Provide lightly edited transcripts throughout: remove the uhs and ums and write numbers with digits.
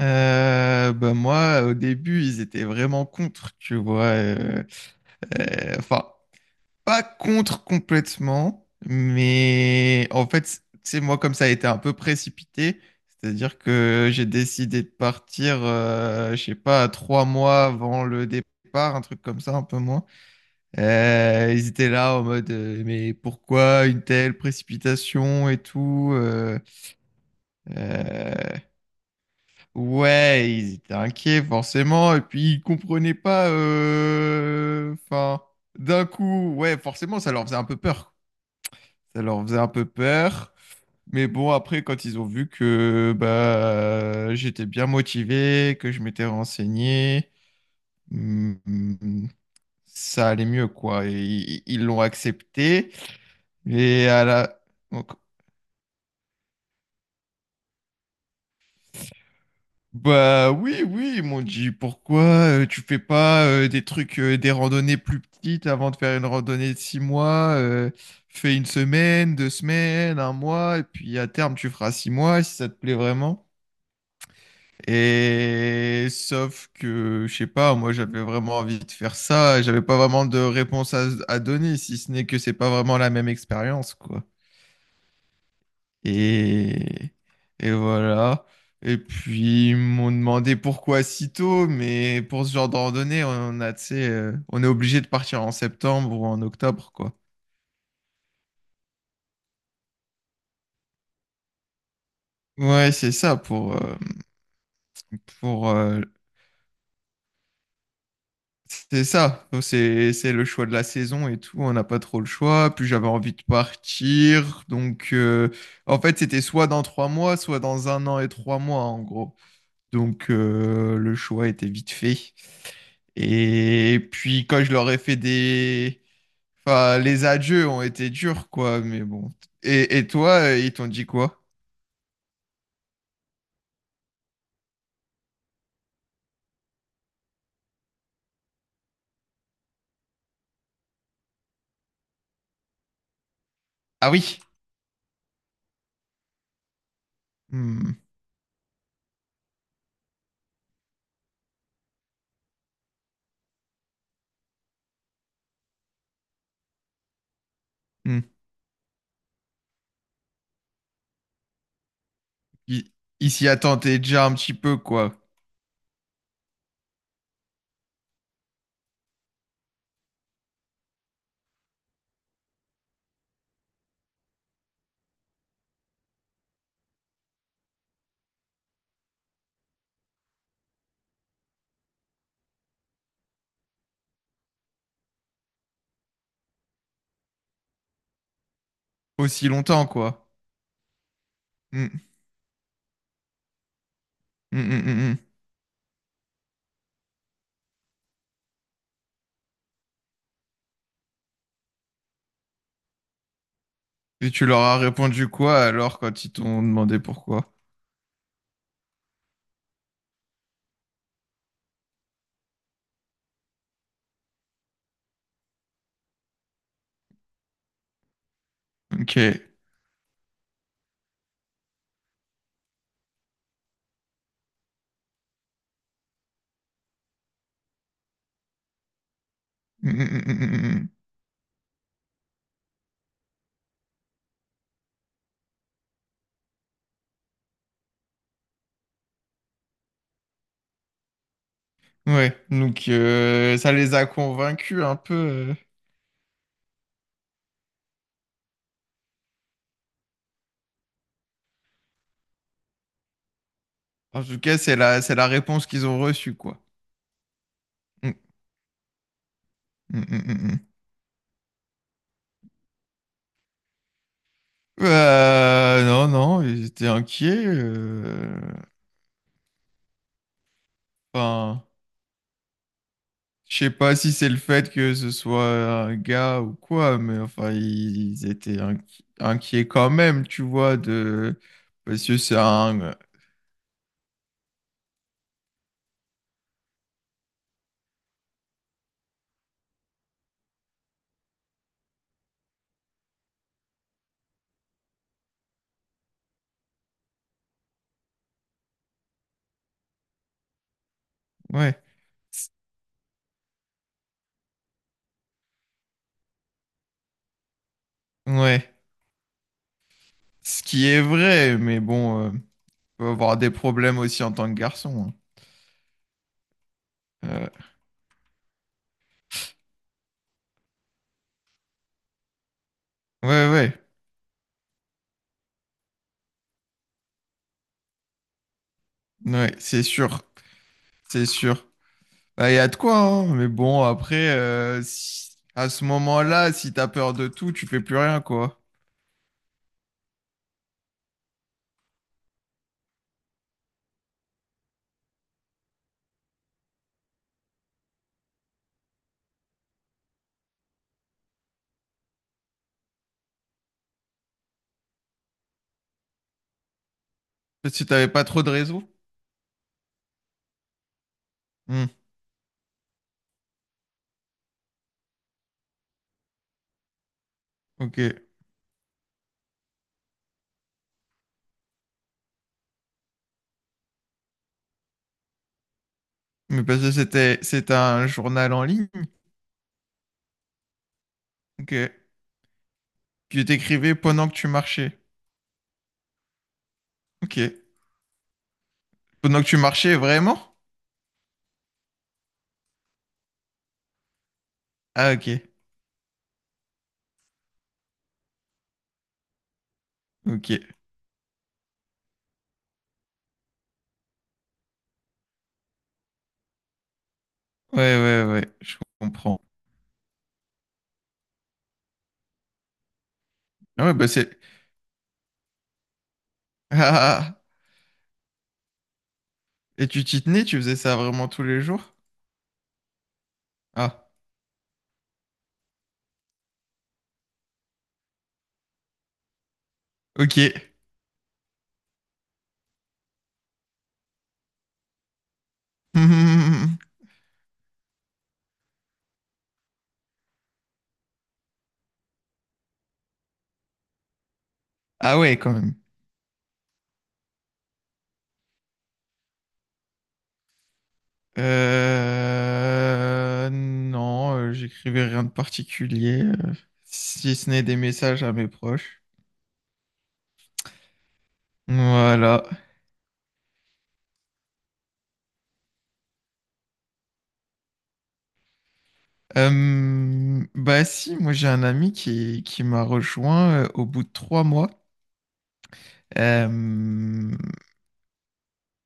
Bah moi, au début, ils étaient vraiment contre, tu vois. euh, enfin, pas contre complètement, mais en fait, c'est moi comme ça a été un peu précipité. C'est-à-dire que j'ai décidé de partir, je sais pas, trois mois avant le départ, un truc comme ça, un peu moins. Ils étaient là en mode, mais pourquoi une telle précipitation et tout euh, Ouais, ils étaient inquiets forcément, et puis ils comprenaient pas. D'un coup, ouais, forcément, ça leur faisait un peu peur. Ça leur faisait un peu peur. Mais bon, après, quand ils ont vu que bah j'étais bien motivé, que je m'étais renseigné, hum, hum, ça allait mieux, quoi. Et ils l'ont accepté. Et à la... donc, bah oui, oui, ils m'ont dit pourquoi tu fais pas des trucs, des randonnées plus petites avant de faire une randonnée de six mois, fais une semaine, deux semaines, un mois, et puis à terme tu feras six mois si ça te plaît vraiment. Et sauf que, je sais pas, moi j'avais vraiment envie de faire ça, et j'avais pas vraiment de réponse à donner, si ce n'est que c'est pas vraiment la même expérience, quoi. Et, et voilà. Et puis, ils m'ont demandé pourquoi si tôt, mais pour ce genre de randonnée, on a, tu sais, on est obligé de partir en septembre ou en octobre, quoi. Ouais, c'est ça pour, euh, c'est ça. C'est le choix de la saison et tout. On n'a pas trop le choix. Puis j'avais envie de partir. Donc, en fait, c'était soit dans trois mois, soit dans un an et trois mois, en gros. Donc le choix était vite fait. Et puis quand je leur ai fait des... Enfin, les adieux ont été durs, quoi, mais bon. Et toi, ils t'ont dit quoi? Ah oui. Hmm, hmm. Ils ils s'y attendaient déjà un petit peu, quoi. Aussi longtemps, quoi. Hmm, hmm, hmm, hmm, hmm. Et tu leur as répondu quoi alors quand ils t'ont demandé pourquoi? Ok. Hmm, hmm, hmm, hmm, hmm, hmm. Ouais, donc ça les a convaincus un peu. En tout cas, c'est la réponse qu'ils ont reçue, quoi. Mm, mm, mm, mm. Non, non, ils étaient inquiets. Enfin, je sais pas si c'est le fait que ce soit un gars ou quoi, mais enfin, ils étaient inquiets quand même, tu vois, de... Parce que c'est un... Ouais, c- ouais. Ce qui est vrai, mais bon, peut avoir des problèmes aussi en tant que garçon. Hein. Ouais, ouais, ouais, c'est sûr, c'est sûr. Bah, il y a de quoi, hein. Mais bon, après, à ce moment-là, si t'as peur de tout, tu fais plus rien, quoi. Parce que si t'avais pas trop de réseau. Hmm, ok. Mais parce que c'était un journal en ligne. Ok. Que t'écrivais pendant que tu marchais. Ok. Pendant que tu marchais, vraiment? Ah, ok. Ok. Ouais, ouais, ouais. Je comprends. Ah ouais, bah c'est... Ah, ah, ah. Et tu t'y tenais, tu faisais ça vraiment tous les jours? Ah, ok. Ah ouais, quand même. Non, j'écrivais rien de particulier, si ce n'est des messages à mes proches. Voilà. Bah si, moi j'ai un ami qui m'a rejoint au bout de trois mois. Euh,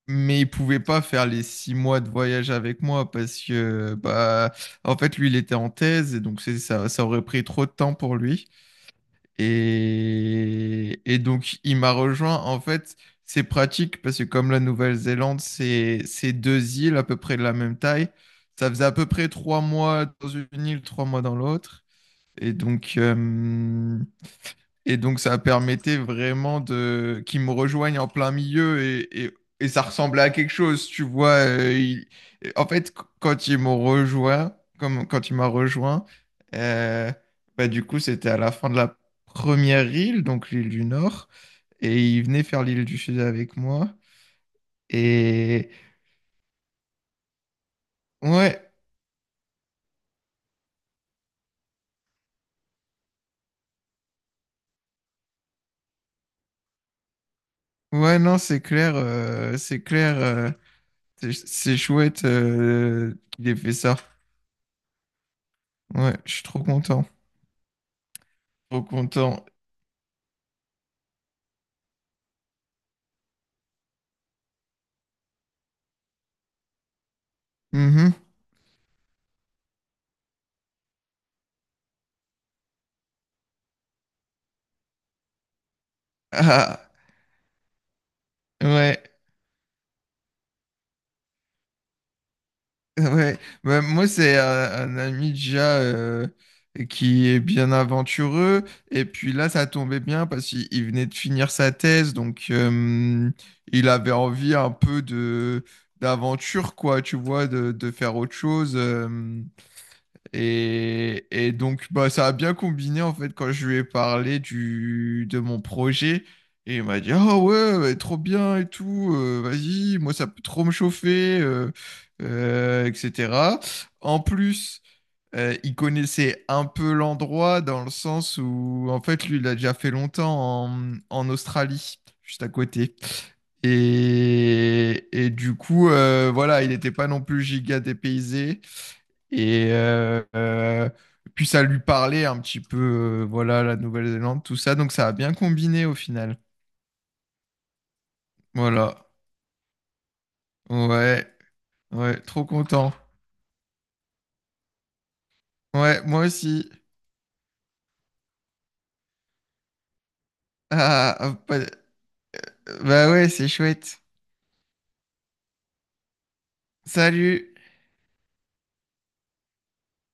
mais il pouvait pas faire les six mois de voyage avec moi parce que bah en fait lui il était en thèse et donc ça, ça aurait pris trop de temps pour lui. Et donc, il m'a rejoint. En fait, c'est pratique parce que comme la Nouvelle-Zélande, c'est deux îles à peu près de la même taille. Ça faisait à peu près trois mois dans une île, trois mois dans l'autre. Et donc, euh, et donc, ça permettait vraiment de qu'ils me rejoignent en plein milieu et ça ressemblait à quelque chose, tu vois. En fait, quand ils m'ont rejoint, comme quand il m'a rejoint, euh, bah, du coup, c'était à la fin de la première île, donc l'île du Nord, et il venait faire l'île du Sud avec moi. Et ouais, ouais, non, c'est clair, c'est clair, c'est chouette qu'il ait fait ça. Ouais, je suis trop content, trop content. Mhm. Ah, ouais, ouais. Bah, moi, c'est un, ami déjà qui est bien aventureux. Et puis là, ça tombait bien parce qu'il venait de finir sa thèse. Donc, il avait envie un peu de d'aventure, quoi, tu vois, de faire autre chose. Et donc, bah, ça a bien combiné en fait quand je lui ai parlé du, de mon projet. Et il m'a dit, ah ouais, bah, trop bien et tout, vas-y, moi ça peut trop me chauffer, etc. En plus, il connaissait un peu l'endroit dans le sens où, en fait, lui, il a déjà fait longtemps en, en Australie, juste à côté. Et du coup, voilà, il n'était pas non plus giga dépaysé. Et puis, ça lui parlait un petit peu, voilà, la Nouvelle-Zélande, tout ça. Donc, ça a bien combiné au final. Voilà. Ouais, ouais, trop content. Ouais, moi aussi. Ah, ah, ah, pas- bah ouais, c'est chouette. Salut.